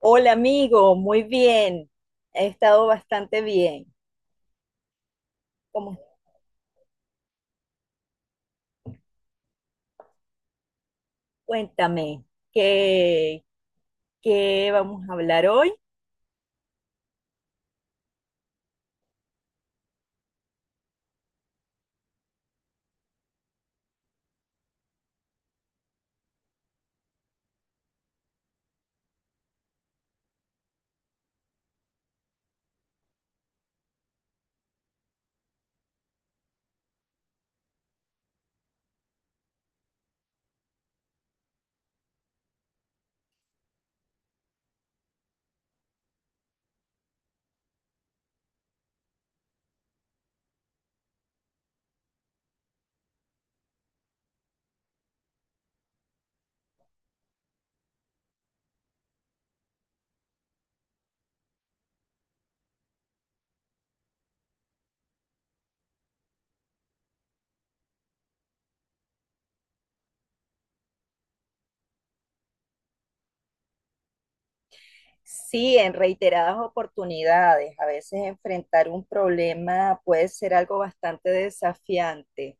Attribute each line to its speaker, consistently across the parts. Speaker 1: Hola amigo, muy bien. He estado bastante bien. ¿Cómo? Cuéntame, ¿qué, ¿qué vamos a hablar hoy? Sí, en reiteradas oportunidades. A veces enfrentar un problema puede ser algo bastante desafiante.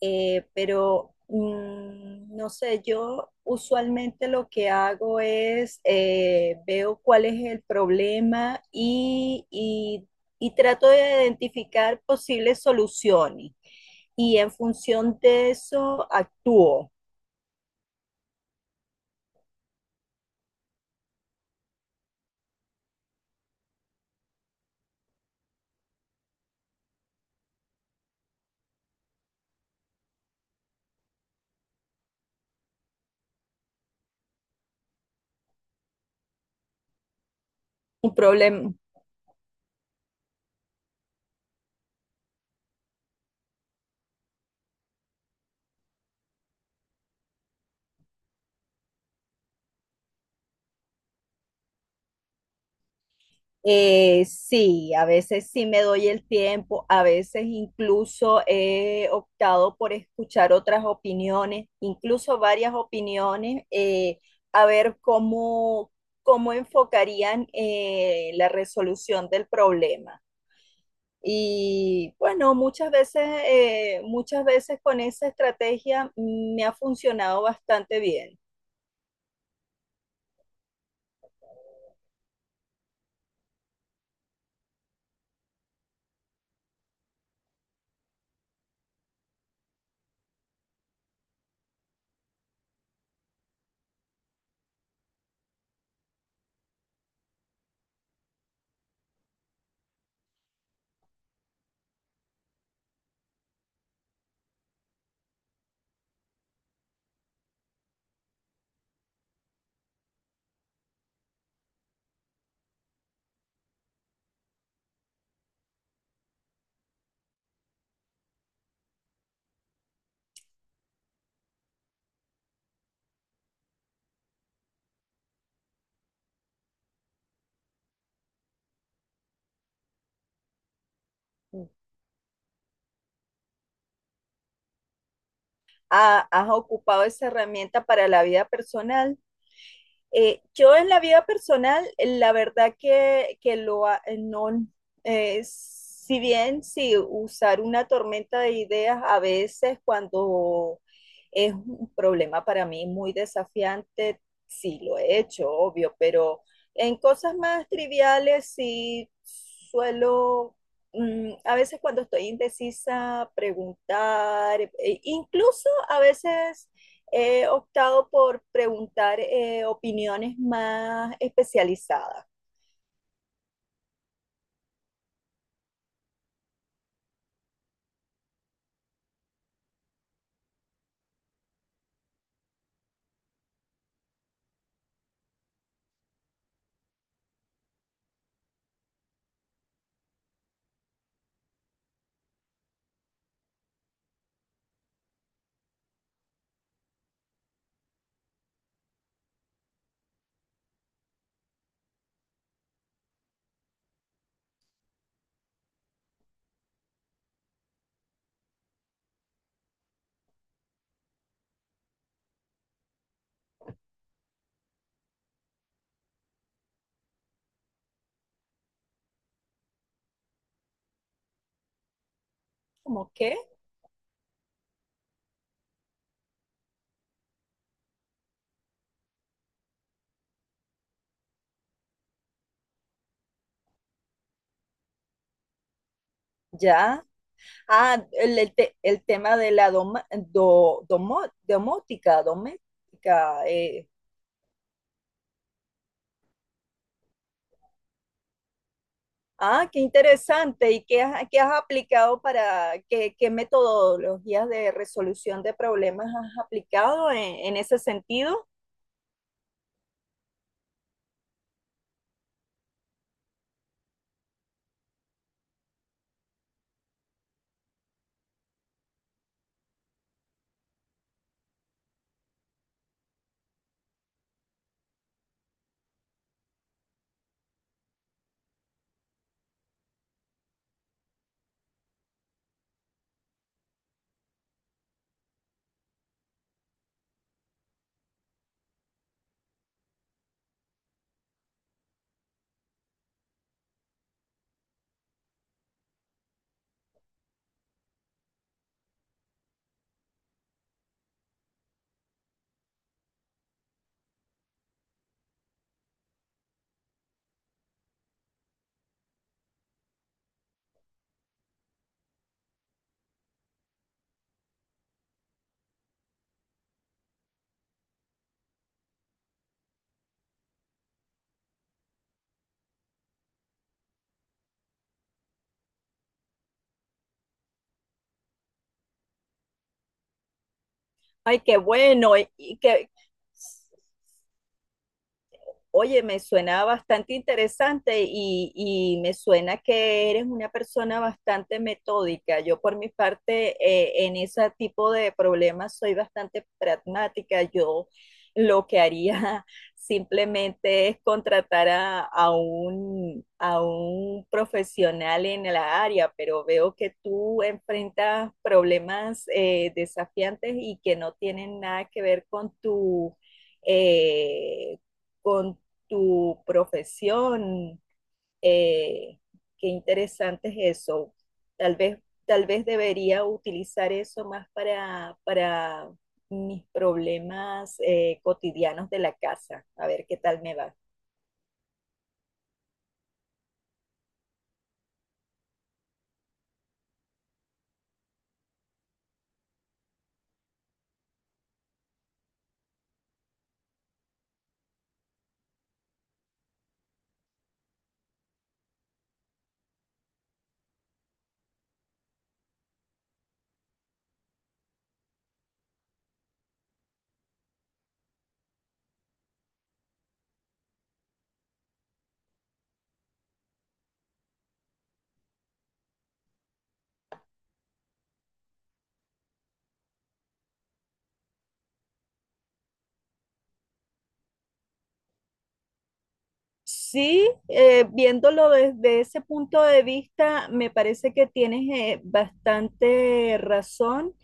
Speaker 1: Pero no sé, yo usualmente lo que hago es veo cuál es el problema y trato de identificar posibles soluciones y en función de eso actúo. Un problema. Sí, a veces sí me doy el tiempo, a veces incluso he optado por escuchar otras opiniones, incluso varias opiniones. A ver cómo enfocarían la resolución del problema. Y bueno, muchas veces con esa estrategia me ha funcionado bastante bien. Mm. ¿Has ocupado esa herramienta para la vida personal? Yo en la vida personal, la verdad que lo no. Si bien si usar una tormenta de ideas a veces cuando es un problema para mí muy desafiante, sí lo he hecho, obvio, pero en cosas más triviales sí suelo, a veces cuando estoy indecisa, preguntar, incluso a veces he optado por preguntar opiniones más especializadas. ¿Cómo qué? Ya. Ah, el tema de la domótica, doméstica. Ah, qué interesante. ¿Y qué has aplicado qué metodologías de resolución de problemas has aplicado en ese sentido? Ay, qué bueno. Oye, me suena bastante interesante y me suena que eres una persona bastante metódica. Yo por mi parte, en ese tipo de problemas soy bastante pragmática. Yo lo que haría simplemente es contratar a un profesional en la área, pero veo que tú enfrentas problemas desafiantes y que no tienen nada que ver eh, con tu profesión. eh, Qué interesante es eso. Tal vez, tal vez debería utilizar eso más para mis problemas cotidianos de la casa. A ver qué tal me va. Sí, viéndolo desde ese punto de vista, me parece que tienes bastante razón.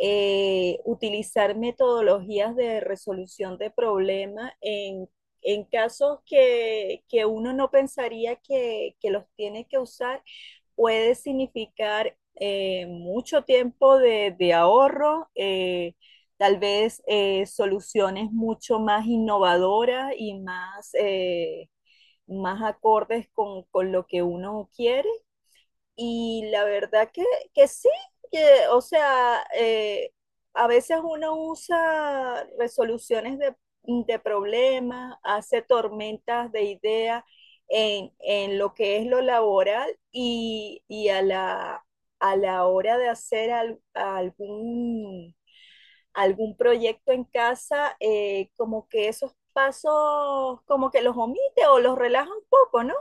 Speaker 1: Utilizar metodologías de resolución de problemas en casos que uno no pensaría que los tiene que usar puede significar mucho tiempo de ahorro. Tal vez soluciones mucho más innovadoras y más más acordes con lo que uno quiere. Y la verdad que sí, que, o sea, a veces uno usa resoluciones de problemas, hace tormentas de ideas en lo que es lo laboral y a a la hora de hacer algún proyecto en casa, como que esos pasos, como que los omite o los relaja un poco, ¿no?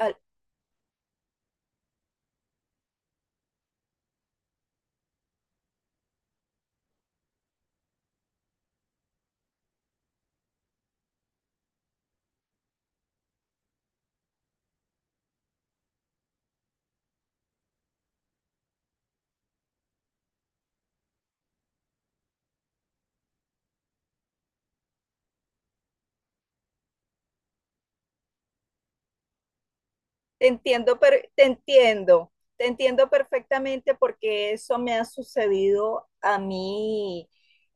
Speaker 1: Al- Te entiendo, pero te entiendo perfectamente porque eso me ha sucedido a mí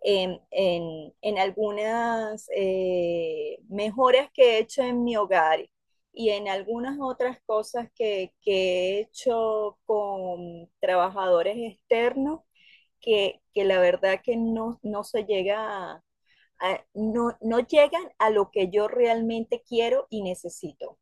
Speaker 1: en algunas mejoras que he hecho en mi hogar y en algunas otras cosas que he hecho con trabajadores externos que la verdad que no se llega a- no llegan a lo que yo realmente quiero y necesito.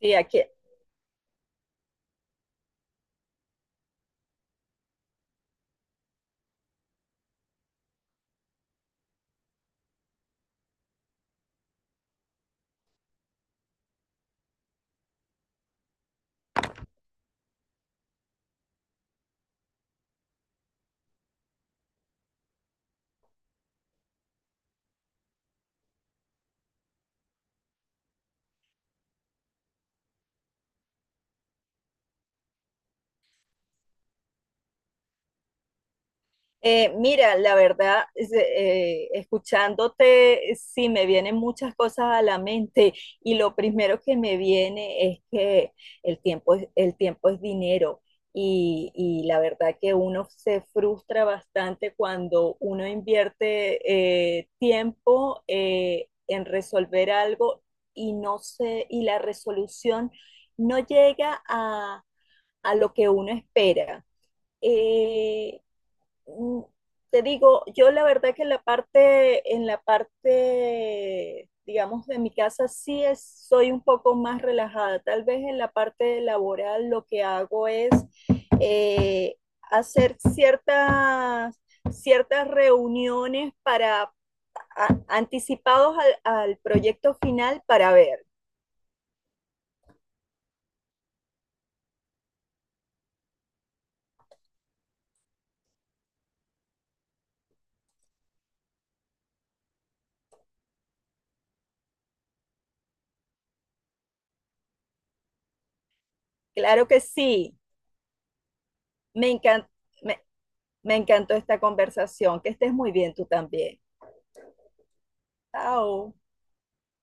Speaker 1: Sí, aquí. Mira, la verdad, escuchándote, sí me vienen muchas cosas a la mente y lo primero que me viene es que el tiempo es dinero, y la verdad que uno se frustra bastante cuando uno invierte tiempo en resolver algo y no se, y la resolución no llega a lo que uno espera. Eh, mm, te digo, yo la verdad que en la en la parte, digamos, de mi casa sí soy un poco más relajada. Tal vez en la parte laboral lo que hago es eh, hacer ciertas, ciertas reuniones para anticipados al proyecto final para ver. Claro que sí, me encan- me me encantó esta conversación. Que estés muy bien tú también. Chao.